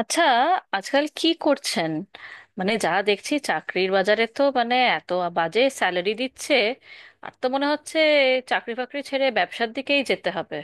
আচ্ছা, আজকাল কি করছেন? মানে যা দেখছি চাকরির বাজারে তো মানে এত বাজে স্যালারি দিচ্ছে, আর তো মনে হচ্ছে চাকরি বাকরি ছেড়ে ব্যবসার দিকেই যেতে হবে।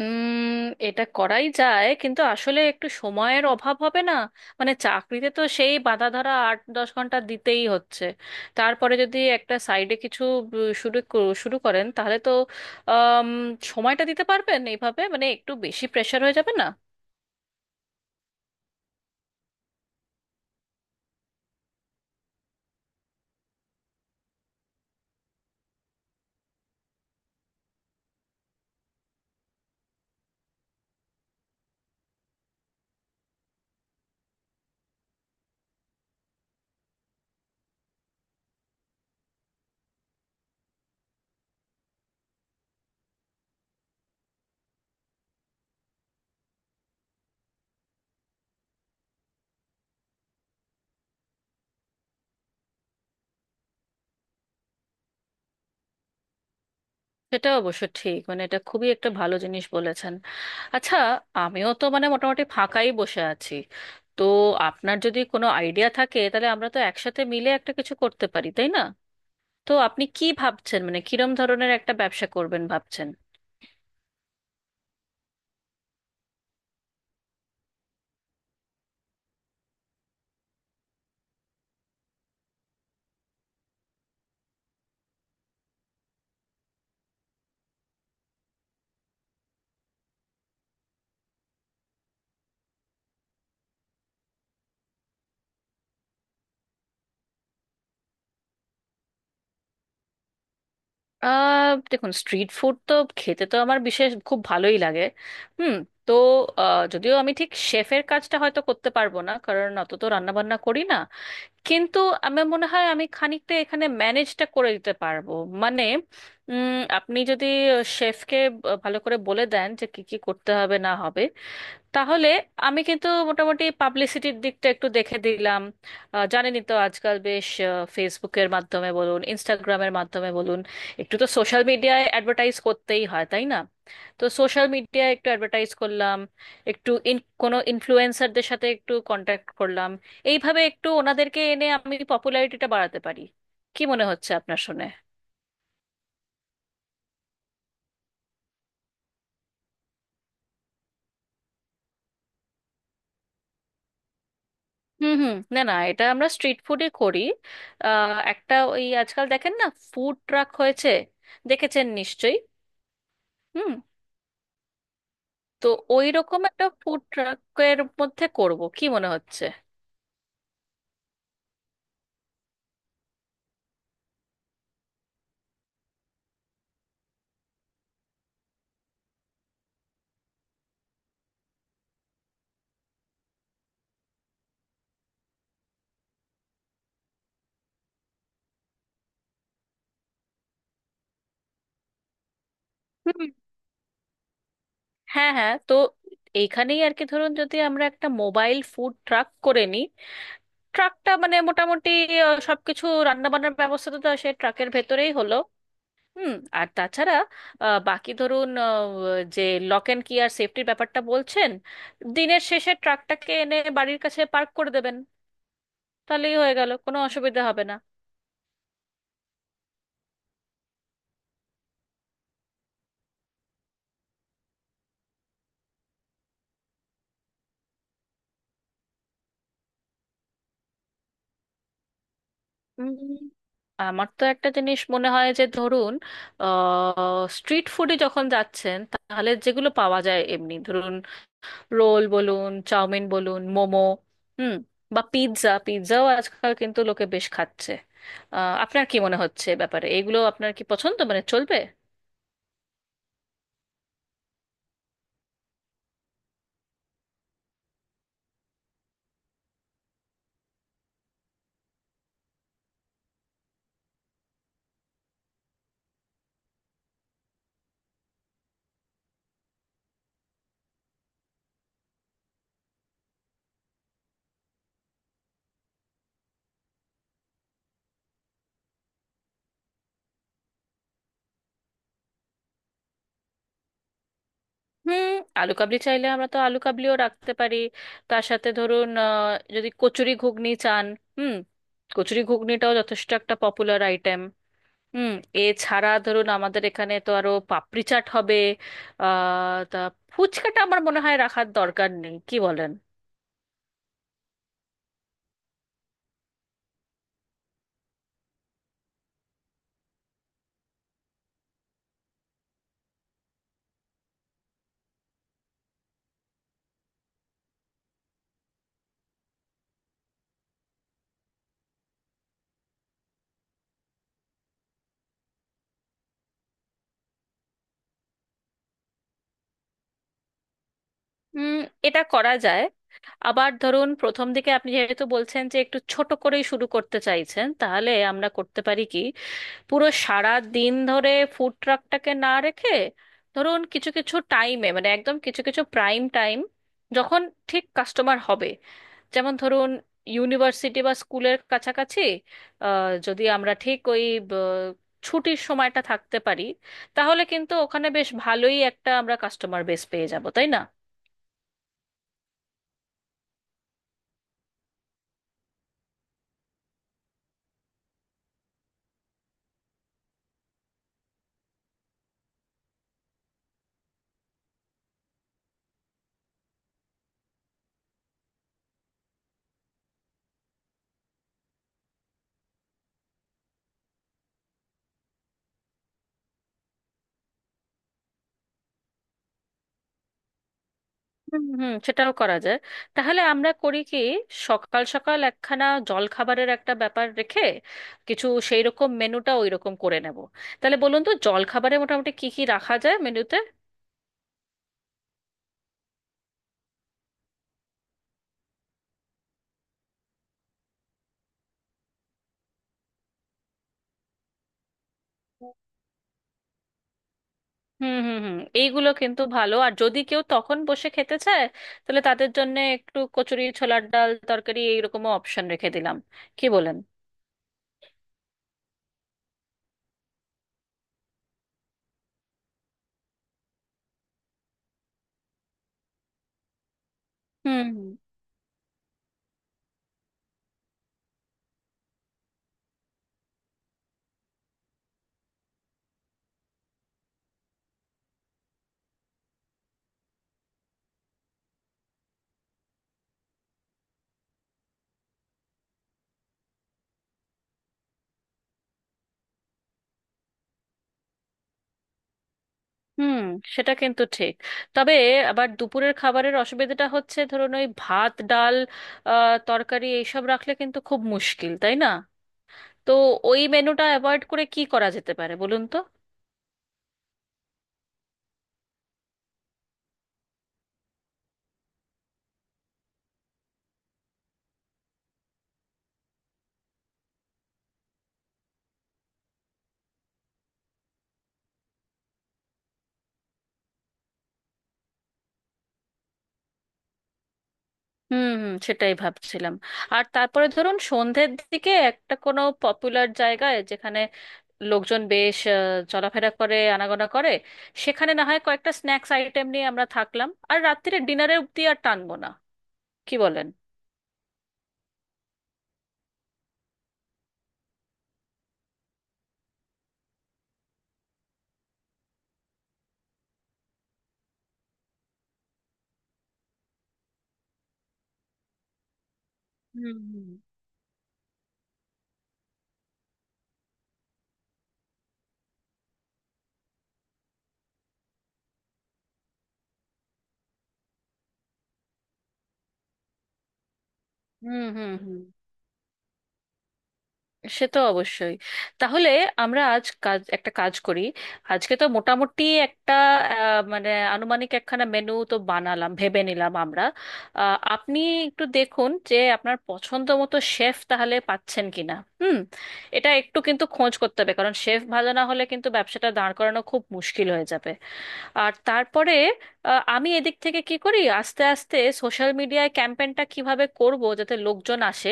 উম এটা করাই যায়, কিন্তু আসলে একটু সময়ের অভাব হবে না? মানে চাকরিতে তো সেই বাঁধা ধরা 8-10 ঘন্টা দিতেই হচ্ছে। তারপরে যদি একটা সাইডে কিছু শুরু করেন, তাহলে তো আম, সময়টা দিতে পারবেন? এইভাবে মানে একটু বেশি প্রেশার হয়ে যাবে না? সেটা অবশ্য ঠিক, মানে এটা খুবই একটা ভালো জিনিস বলেছেন। আচ্ছা, আমিও তো মানে মোটামুটি ফাঁকাই বসে আছি, তো আপনার যদি কোনো আইডিয়া থাকে তাহলে আমরা তো একসাথে মিলে একটা কিছু করতে পারি, তাই না? তো আপনি কি ভাবছেন, মানে কিরম ধরনের একটা ব্যবসা করবেন ভাবছেন? দেখুন, স্ট্রিট ফুড তো খেতে তো আমার বিশেষ খুব ভালোই লাগে। হুম। তো যদিও আমি ঠিক শেফের কাজটা হয়তো করতে পারবো না, কারণ অত তো রান্না বান্না করি না, কিন্তু আমার মনে হয় আমি খানিকটা এখানে ম্যানেজটা করে দিতে পারবো। মানে উম, আপনি যদি শেফকে ভালো করে বলে দেন যে কি কি করতে হবে না হবে, তাহলে আমি কিন্তু মোটামুটি পাবলিসিটির দিকটা একটু দেখে দিলাম। জানেনই তো আজকাল বেশ ফেসবুকের মাধ্যমে বলুন, ইনস্টাগ্রামের মাধ্যমে বলুন, একটু তো সোশ্যাল মিডিয়ায় অ্যাডভার্টাইজ করতেই হয়, তাই না? তো সোশ্যাল মিডিয়ায় একটু অ্যাডভার্টাইজ করলাম, একটু কোনো ইনফ্লুয়েন্সারদের সাথে একটু কন্ট্যাক্ট করলাম, এইভাবে একটু ওনাদেরকে এনে আমি পপুলারিটিটা বাড়াতে পারি। কি মনে হচ্ছে আপনার শুনে? হুম হুম, না না, এটা আমরা স্ট্রিট ফুডে করি। একটা ওই আজকাল দেখেন না, ফুড ট্রাক হয়েছে, দেখেছেন নিশ্চয়ই? হুম। তো ওই রকম একটা ফুড ট্রাকের মধ্যে করব, কি মনে হচ্ছে? হুম, হ্যাঁ হ্যাঁ, তো এইখানেই আর কি, ধরুন যদি আমরা একটা মোবাইল ফুড ট্রাক করে নিই, ট্রাকটা মানে মোটামুটি সবকিছু রান্না বান্নার ব্যবস্থা তো সে ট্রাকের ভেতরেই হলো। হুম। আর তাছাড়া বাকি ধরুন যে লক অ্যান্ড কি আর সেফটির ব্যাপারটা বলছেন, দিনের শেষে ট্রাকটাকে এনে বাড়ির কাছে পার্ক করে দেবেন, তাহলেই হয়ে গেল, কোনো অসুবিধা হবে না। উম, আমার তো একটা জিনিস মনে হয় যে, ধরুন স্ট্রিট ফুডে যখন যাচ্ছেন তাহলে যেগুলো পাওয়া যায় এমনি, ধরুন রোল বলুন, চাউমিন বলুন, মোমো। হুম। বা পিৎজা, পিৎজাও আজকাল কিন্তু লোকে বেশ খাচ্ছে। আপনার কি মনে হচ্ছে এ ব্যাপারে, এগুলো আপনার কি পছন্দ, মানে চলবে? হুম। আলু কাবলি চাইলে আমরা তো আলু কাবলিও রাখতে পারি, তার সাথে ধরুন যদি কচুরি ঘুগনি চান, হুম, কচুরি ঘুগনিটাও যথেষ্ট একটা পপুলার আইটেম। হুম। এছাড়া ধরুন আমাদের এখানে তো আরো পাপড়ি চাট হবে। আহ তা ফুচকাটা আমার মনে হয় রাখার দরকার নেই, কি বলেন? হুম, এটা করা যায়। আবার ধরুন প্রথম দিকে আপনি যেহেতু বলছেন যে একটু ছোট করেই শুরু করতে চাইছেন, তাহলে আমরা করতে পারি কি, পুরো সারা দিন ধরে ফুড ট্রাকটাকে না রেখে ধরুন কিছু কিছু টাইমে, মানে একদম কিছু কিছু প্রাইম টাইম, যখন ঠিক কাস্টমার হবে, যেমন ধরুন ইউনিভার্সিটি বা স্কুলের কাছাকাছি যদি আমরা ঠিক ওই ব- ছুটির সময়টা থাকতে পারি, তাহলে কিন্তু ওখানে বেশ ভালোই একটা আমরা কাস্টমার বেস পেয়ে যাব, তাই না? হুম হুম, সেটাও করা যায়। তাহলে আমরা করি কি, সকাল সকাল একখানা জলখাবারের একটা ব্যাপার রেখে কিছু সেই রকম মেনুটা ওই রকম করে নেব। তাহলে বলুন তো জলখাবারে মোটামুটি কি কি রাখা যায় মেনুতে? হুম হুম হুম, এইগুলো কিন্তু ভালো। আর যদি কেউ তখন বসে খেতে চায়, তাহলে তাদের জন্য একটু কচুরি, ছোলার ডাল, তরকারি, এইরকমও অপশন রেখে দিলাম, কি বলেন? হুম হুম, সেটা কিন্তু ঠিক। তবে আবার দুপুরের খাবারের অসুবিধাটা হচ্ছে, ধরুন ওই ভাত, ডাল, তরকারি এইসব রাখলে কিন্তু খুব মুশকিল, তাই না? তো ওই মেনুটা অ্যাভয়েড করে কি করা যেতে পারে বলুন তো? হুম হুম, সেটাই ভাবছিলাম। আর তারপরে ধরুন সন্ধ্যের দিকে একটা কোনো পপুলার জায়গায় যেখানে লোকজন বেশ চলাফেরা করে, আনাগোনা করে, সেখানে না হয় কয়েকটা স্ন্যাক্স আইটেম নিয়ে আমরা থাকলাম, আর রাত্তিরে ডিনারে অব্দি আর টানবো না, কি বলেন? হুম হুম হুম, হুম হুম, সে তো অবশ্যই। তাহলে আমরা আজ কাজ একটা কাজ করি। আজকে তো মোটামুটি একটা আহ, মানে আনুমানিক একখানা মেনু তো বানালাম, ভেবে নিলাম আমরা। আপনি একটু দেখুন যে আপনার পছন্দ মতো শেফ তাহলে পাচ্ছেন কিনা। হুম, এটা একটু কিন্তু খোঁজ করতে হবে, কারণ শেফ ভালো না হলে কিন্তু ব্যবসাটা দাঁড় করানো খুব মুশকিল হয়ে যাবে। আর তারপরে আমি এদিক থেকে কি করি, আস্তে আস্তে সোশ্যাল মিডিয়ায় ক্যাম্পেনটা কিভাবে করব যাতে লোকজন আসে,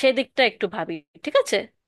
সেদিকটা একটু ভাবি। ঠিক আছে?